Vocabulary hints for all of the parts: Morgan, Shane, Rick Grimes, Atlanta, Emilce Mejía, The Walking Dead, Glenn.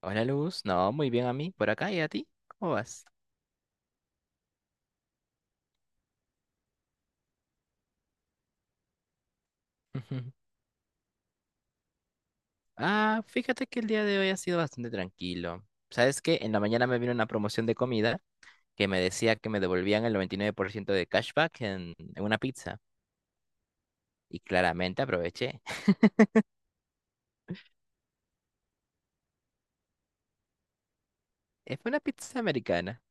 Hola Luz, no, muy bien a mí, por acá. ¿Y a ti, cómo vas? Ujú. Ah, fíjate que el día de hoy ha sido bastante tranquilo. ¿Sabes qué? En la mañana me vino una promoción de comida que me decía que me devolvían el 99% de cashback en una pizza. Y claramente aproveché. Fue una pizza americana.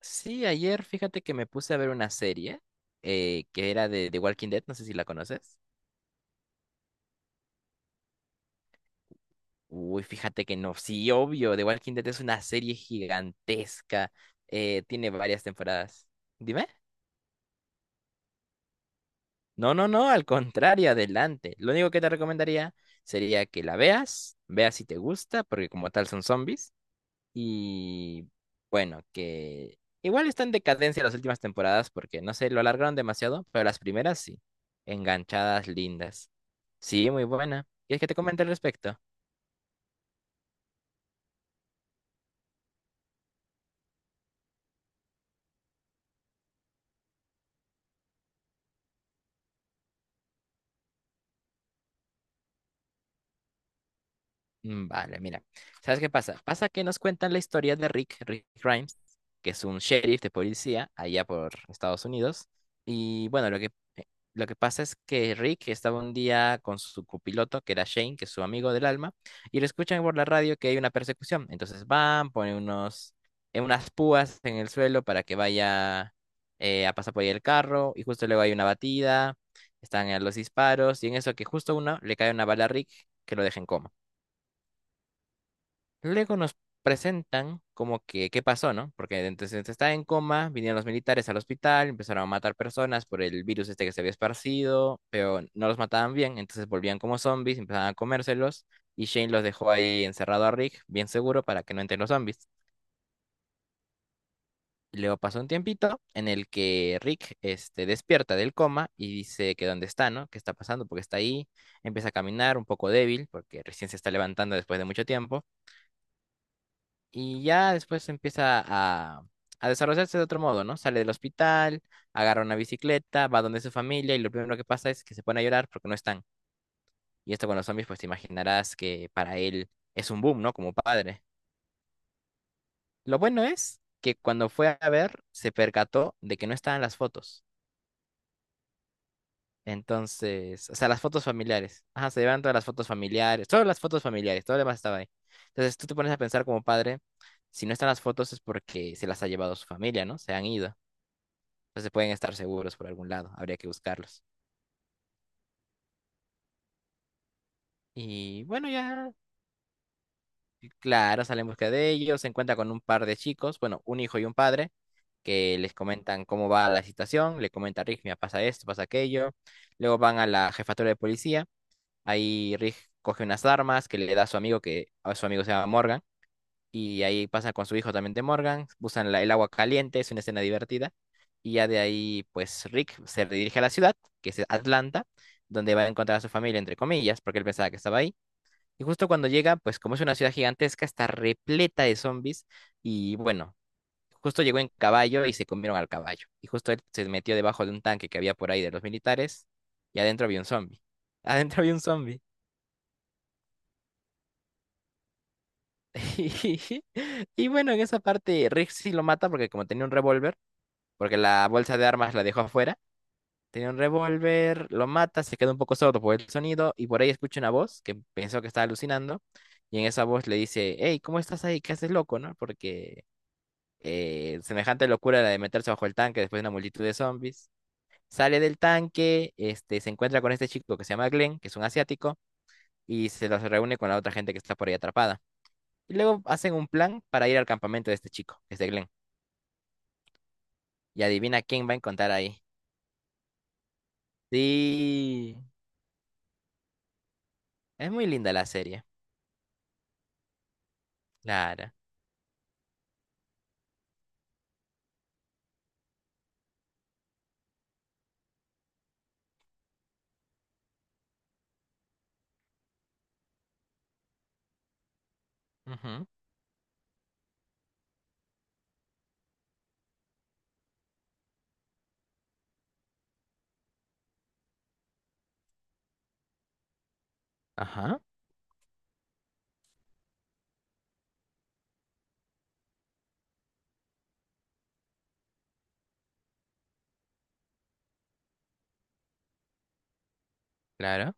Sí, ayer fíjate que me puse a ver una serie que era de The Walking Dead, no sé si la conoces. Uy, fíjate que no, sí, obvio, The Walking Dead es una serie gigantesca, tiene varias temporadas. Dime. No, no, no, al contrario, adelante. Lo único que te recomendaría sería que la veas, veas si te gusta, porque como tal son zombies. Y bueno, que igual está en decadencia las últimas temporadas, porque no sé, lo alargaron demasiado, pero las primeras sí. Enganchadas, lindas. Sí, muy buena. ¿Quieres que te comente al respecto? Vale, mira. ¿Sabes qué pasa? Pasa que nos cuentan la historia de Rick, Rick Grimes, que es un sheriff de policía allá por Estados Unidos. Y bueno, eh, lo que pasa es que Rick estaba un día con su copiloto, que era Shane, que es su amigo del alma, y le escuchan por la radio que hay una persecución. Entonces van, ponen unas púas en el suelo para que vaya a pasar por ahí el carro, y justo luego hay una batida, están los disparos, y en eso que justo uno le cae una bala a Rick que lo deja en coma. Luego nos presentan como que qué pasó, ¿no? Porque entonces está en coma, vinieron los militares al hospital, empezaron a matar personas por el virus este que se había esparcido, pero no los mataban bien, entonces volvían como zombies, empezaban a comérselos y Shane los dejó ahí encerrado a Rick, bien seguro, para que no entren los zombies. Y luego pasó un tiempito en el que Rick este, despierta del coma y dice que dónde está, ¿no? ¿Qué está pasando? Porque está ahí, empieza a caminar un poco débil, porque recién se está levantando después de mucho tiempo. Y ya después empieza a desarrollarse de otro modo, ¿no? Sale del hospital, agarra una bicicleta, va donde su familia y lo primero que pasa es que se pone a llorar porque no están. Y esto con los zombies, pues te imaginarás que para él es un boom, ¿no? Como padre. Lo bueno es que cuando fue a ver, se percató de que no estaban las fotos. Entonces, o sea, las fotos familiares. Ajá, se llevan todas las fotos familiares, solo las fotos familiares, todo lo demás estaba ahí. Entonces tú te pones a pensar como padre, si no están las fotos es porque se las ha llevado su familia, ¿no? Se han ido. Entonces pueden estar seguros por algún lado, habría que buscarlos. Y bueno, ya, y claro, sale en busca de ellos, se encuentra con un par de chicos, bueno, un hijo y un padre, que les comentan cómo va la situación, le comenta a Rick, mira, pasa esto, pasa aquello. Luego van a la jefatura de policía, ahí Rick coge unas armas que le da a su amigo, que a su amigo se llama Morgan, y ahí pasa con su hijo también de Morgan, usan el agua caliente, es una escena divertida, y ya de ahí pues Rick se dirige a la ciudad, que es Atlanta, donde va a encontrar a su familia, entre comillas, porque él pensaba que estaba ahí, y justo cuando llega, pues como es una ciudad gigantesca, está repleta de zombies, y bueno, justo llegó en caballo y se comieron al caballo, y justo él se metió debajo de un tanque que había por ahí de los militares, y adentro había un zombie, adentro había un zombie. Y bueno, en esa parte Rick sí lo mata porque como tenía un revólver, porque la bolsa de armas la dejó afuera. Tenía un revólver, lo mata, se queda un poco sordo por el sonido y por ahí escucha una voz que pensó que estaba alucinando. Y en esa voz le dice, hey, ¿cómo estás ahí? ¿Qué haces loco, no? Porque semejante locura la de meterse bajo el tanque después de una multitud de zombies. Sale del tanque, este, se encuentra con este chico que se llama Glenn, que es un asiático, y se los reúne con la otra gente que está por ahí atrapada. Y luego hacen un plan para ir al campamento de este chico, que es de Glenn. Y adivina quién va a encontrar ahí. Sí. Es muy linda la serie. Clara. Ujú. Ajá. Clara.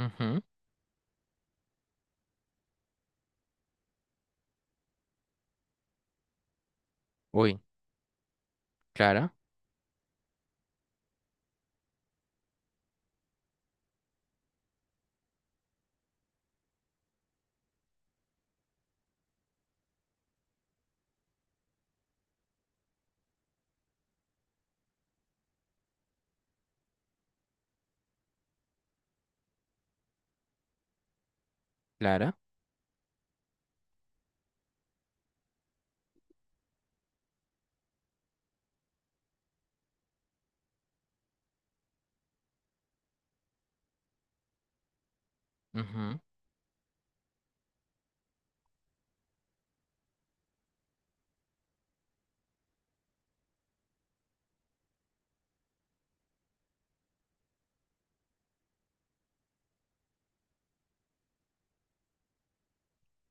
Ujú. Uy. Clara. Clara. Ujú.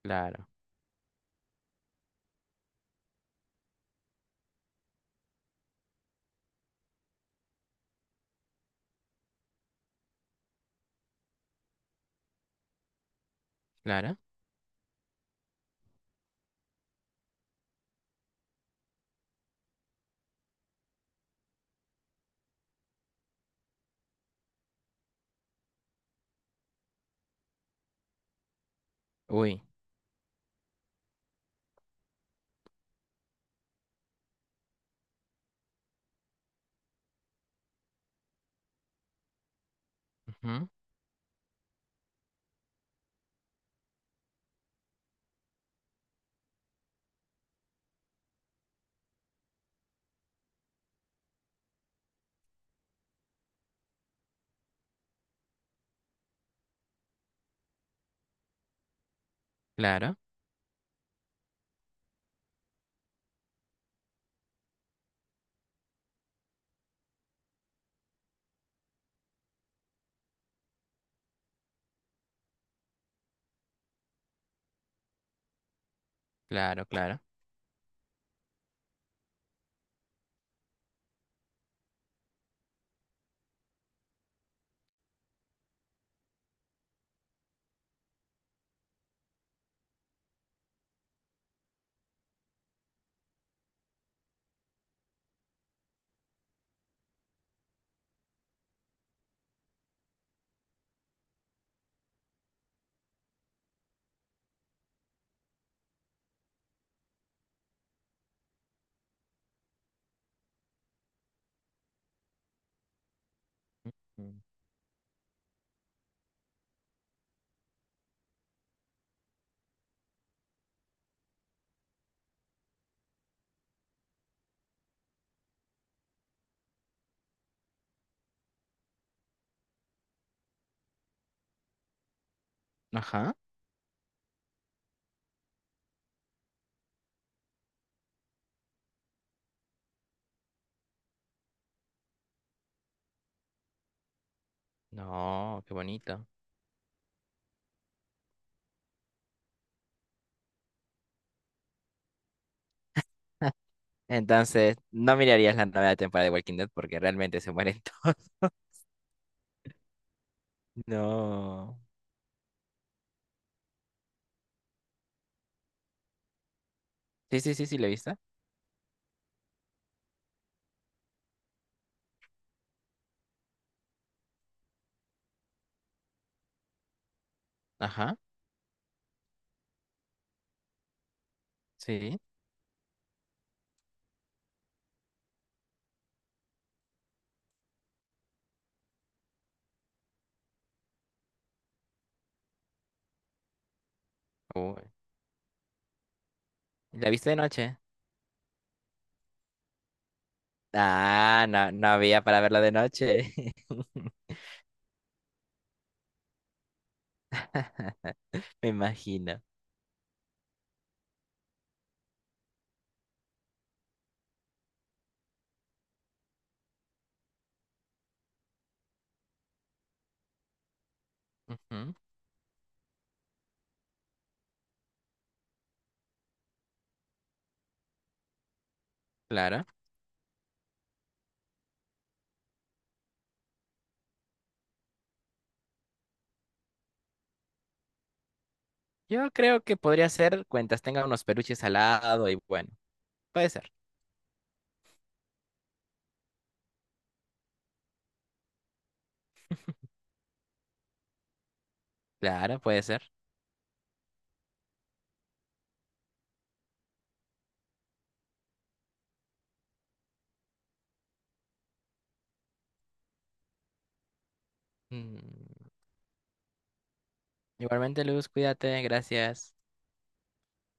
Claro. Clara. Uy. Ujú. Claro. Claro, claro. Ujú. Ajá. No, qué bonito. Entonces, no mirarías la nueva temporada de Walking Dead porque realmente se mueren todos. No. Sí, sí, sí, sí, ¿la viste? Ajá. Sí. Uy. ¿La viste de noche? Ah, no, no había para verla de noche. Me imagino. Ujú. Clara. Yo creo que podría ser cuentas tenga unos peluches al lado y bueno, puede ser. Clara, puede ser. Mm, Igualmente, Luz, cuídate, gracias.